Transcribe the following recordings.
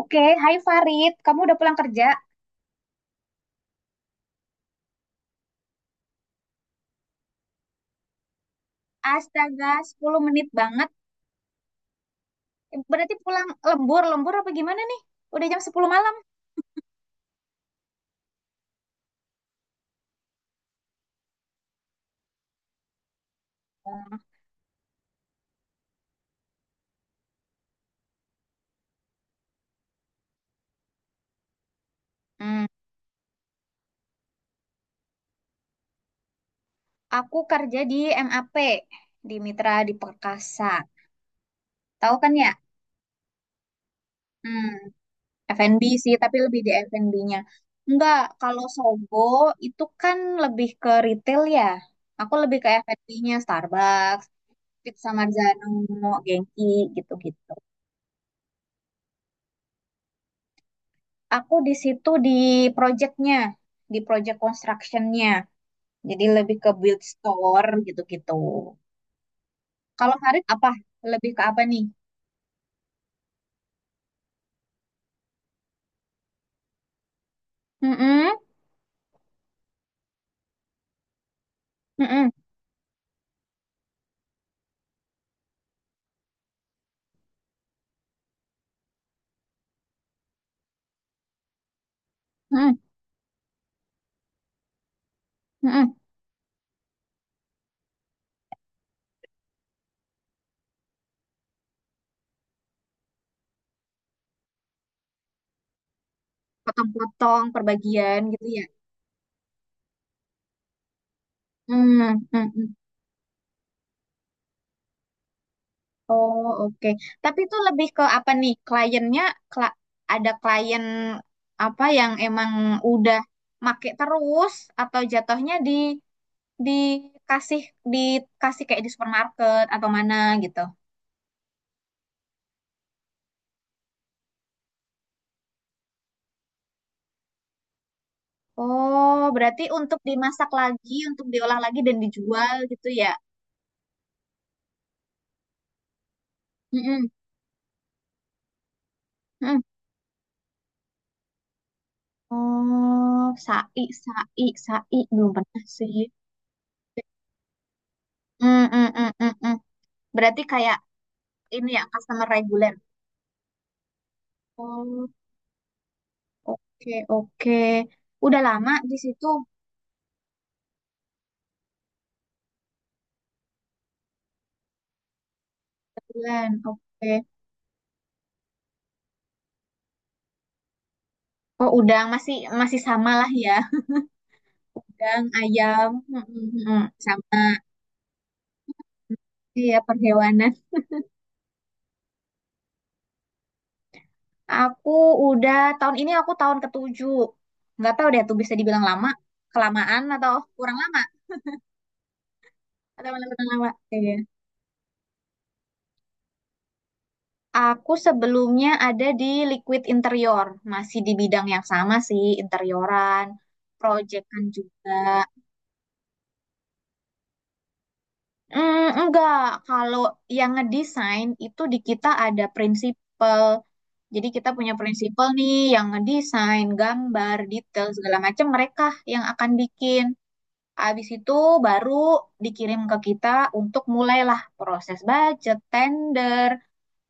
Oke, hai Farid. Kamu udah pulang kerja? Astaga, 10 menit banget. Berarti pulang lembur, lembur apa gimana nih? Udah jam 10 malam. Hmm, aku kerja di MAP, di Mitra di Perkasa. Tahu kan ya? Hmm, F&B sih, tapi lebih di F&B-nya. Enggak, kalau Sogo itu kan lebih ke retail ya. Aku lebih ke F&B-nya, Starbucks, Pizza Marzano, Genki, gitu-gitu. Aku di situ di projectnya, di project constructionnya. Jadi lebih ke build store gitu-gitu. Kalau Farid apa? Lebih ke apa nih? Mm-mm, mm-mm, mm-mm, mm-mm. Potong-potong perbagian gitu ya. Hmm, hmm. Mm. Oh, oke. Tapi itu lebih ke apa nih? Kliennya kla- ada klien apa yang emang udah make terus atau jatuhnya di dikasih dikasih kayak di supermarket atau mana gitu. Oh, berarti untuk dimasak lagi, untuk diolah lagi dan dijual gitu ya? Mm-mm, mm. Oh, sai, sai, sai. Belum pernah sih. Mm, mm, mm, mm, mm. Berarti kayak ini ya, customer reguler. Oh, oke, oke. Udah lama di situ bulan, oke. Oh, udang masih masih sama lah ya. Udang, ayam, mm, mm, mm. Sama ya perhewanan. Aku udah tahun ini aku tahun ke-7. Nggak tahu deh tuh bisa dibilang lama, kelamaan atau kurang lama atau malah kurang lama. Iya. Aku sebelumnya ada di Liquid Interior, masih di bidang yang sama sih, interioran, proyekan juga. Enggak, kalau yang ngedesain itu di kita ada prinsipal. Jadi kita punya prinsipal nih yang ngedesain, gambar, detail segala macam mereka yang akan bikin. Habis itu baru dikirim ke kita untuk mulailah proses budget, tender,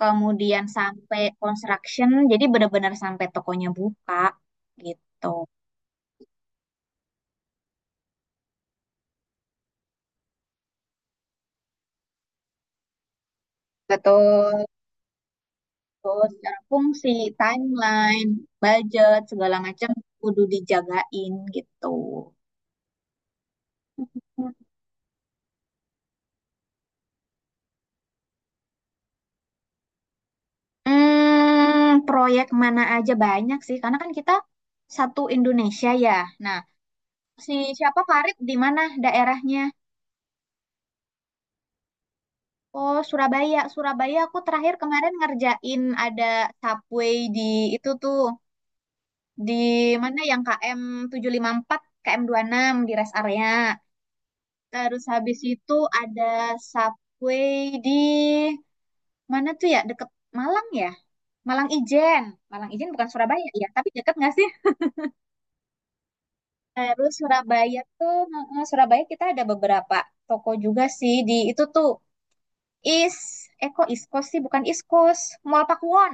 kemudian sampai construction. Jadi benar-benar sampai tokonya buka gitu. Betul. Terus secara fungsi, timeline, budget, segala macam kudu dijagain gitu. Proyek mana aja banyak sih, karena kan kita satu Indonesia ya. Nah, si siapa Farid di mana daerahnya? Oh, Surabaya. Surabaya aku terakhir kemarin ngerjain ada subway di itu tuh. Di mana yang KM 754, KM 6 di rest area. Terus habis itu ada subway di mana tuh ya? Deket Malang ya? Malang Ijen. Malang Ijen bukan Surabaya ya, tapi deket nggak sih? Terus Surabaya tuh, eh, Surabaya kita ada beberapa toko juga sih di itu tuh Is, Eko Iskos sih bukan Iskos, Mall Pakuwon.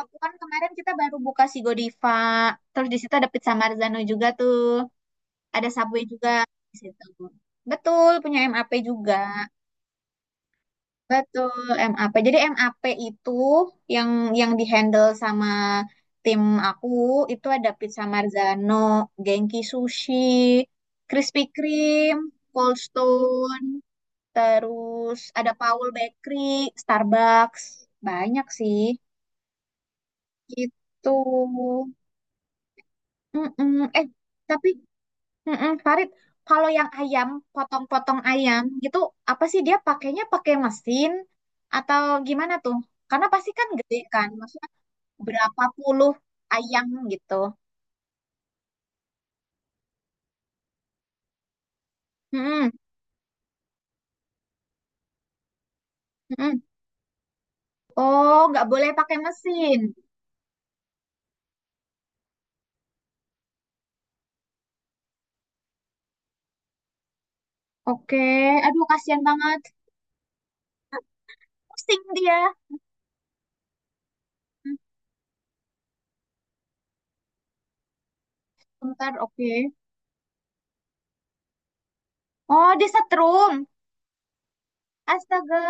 Aku kan kemarin kita baru buka si Godiva. Terus di situ ada Pizza Marzano juga tuh. Ada Subway juga di situ. Betul, punya M A P juga. Betul, M A P. Jadi M A P itu yang yang dihandle sama tim aku itu ada Pizza Marzano, Genki Sushi, Krispy Kreme, Cold Stone, terus ada Paul Bakery, Starbucks. Banyak sih. Gitu. Mm-mm. Eh, tapi mm-mm, Farid, kalau yang ayam, potong-potong ayam gitu, apa sih dia pakainya pakai mesin atau gimana tuh? Karena pasti kan gede kan, maksudnya berapa puluh ayam gitu. Mm-mm, mm-mm. Oh, nggak boleh pakai mesin. Oke, aduh kasihan banget. Pusing dia. Hmm, Bentar, oke. Oh, dia setrum. Astaga.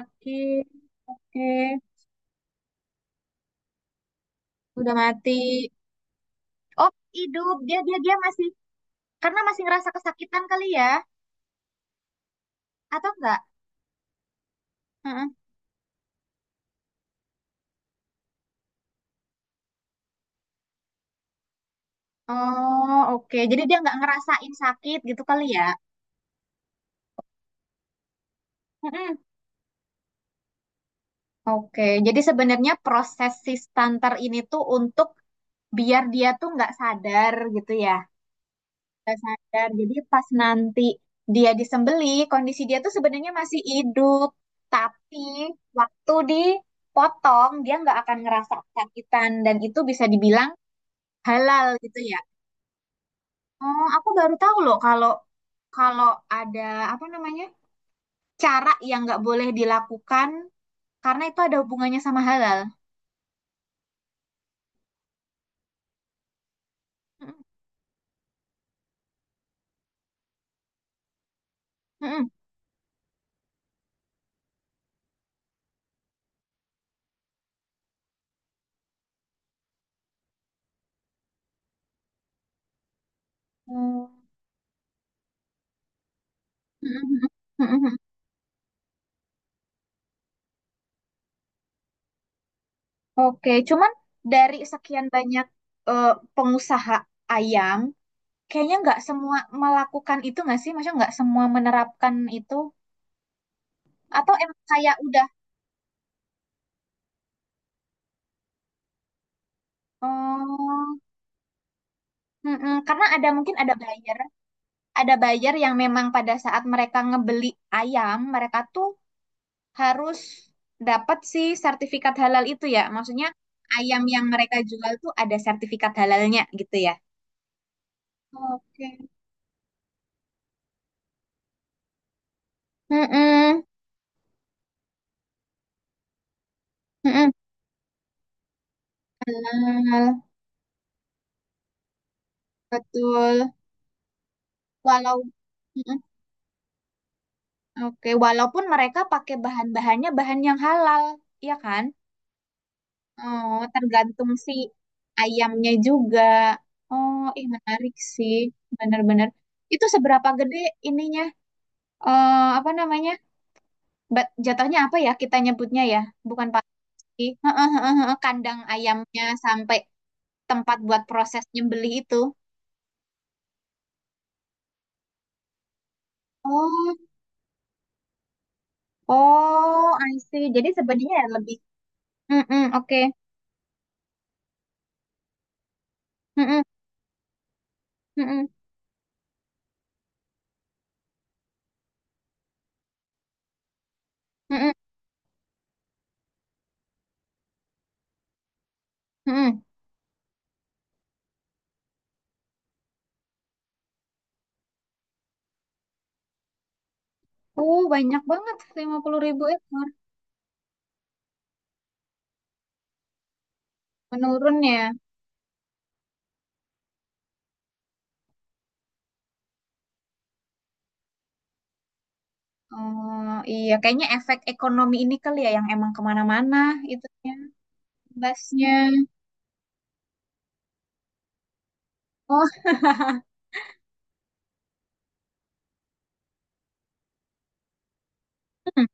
Oke, oke. Udah mati. Oh, hidup. Dia dia dia masih. Karena masih ngerasa kesakitan kali ya, atau enggak? Heeh. Oh, oke. Jadi dia nggak ngerasain sakit gitu kali ya. Heeh. Oke. Jadi sebenarnya proses si stunter ini tuh untuk biar dia tuh nggak sadar gitu ya. Nggak sadar. Jadi pas nanti dia disembeli, kondisi dia tuh sebenarnya masih hidup. Tapi waktu dipotong, dia nggak akan ngerasa kesakitan. Dan itu bisa dibilang halal gitu ya. Oh, aku baru tahu loh kalau kalau ada apa namanya cara yang nggak boleh dilakukan karena itu ada hubungannya sama halal. Mm-mm. Hmm, mm-mm. Mm-mm. Oke, cuman dari sekian banyak eh, pengusaha ayam, kayaknya nggak semua melakukan itu nggak sih? Maksudnya nggak semua menerapkan itu? Atau emang kayak udah, oh, mm-mm. Karena ada mungkin ada buyer yang memang pada saat mereka ngebeli ayam, mereka tuh harus dapat si sertifikat halal itu ya. Maksudnya ayam yang mereka jual tuh ada sertifikat halalnya gitu ya. Oke. Mm-mm, mm-mm. Halal, betul. Walau mm-mm. Oke, walaupun mereka pakai bahan-bahannya bahan yang halal, ya kan? Oh, tergantung si ayamnya juga. Oh, ih menarik sih, bener-bener. Itu seberapa gede ininya? Eh, apa namanya? Jatuhnya apa ya kita nyebutnya ya? Bukan sih. Heeh, heeh, heeh. Kandang ayamnya sampai tempat buat proses nyembelih itu. Oh, oh, I see. Jadi sebenarnya ya lebih. Mm-mm, oke. Mm-mm, mm-mm, mm-mm, mm-mm. Oh, banyak banget 50.000 ekor. Menurun ya. Oh, iya. Kayaknya efek ekonomi ini kali ya yang emang kemana-mana itunya. Basnya. Oh, mm,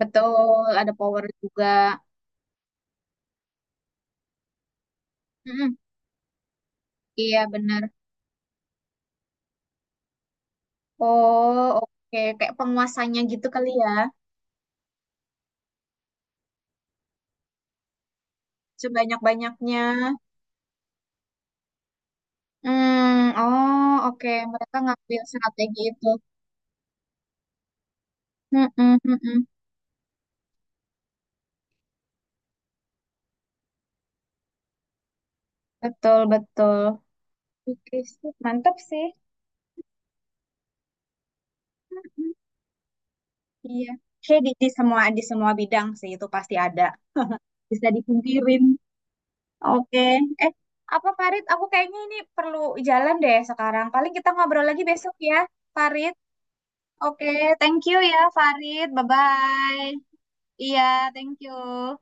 betul. Ada power juga. Mm-mm, iya, benar. Oh, oke. Kayak penguasanya gitu kali ya. Sebanyak-banyaknya. Hmm, oh oke. Mereka ngambil strategi itu. Mm-mm, mm-mm. Betul, betul. Oke sih, mantap sih. Mm-mm, iya. Kayak di semua bidang sih itu pasti ada. Bisa dipungkirin. Oke. Eh, apa Farid? Aku kayaknya ini perlu jalan deh sekarang. Paling kita ngobrol lagi besok ya, Farid. Oke, thank you ya, Farid. Bye-bye. Iya, thank you.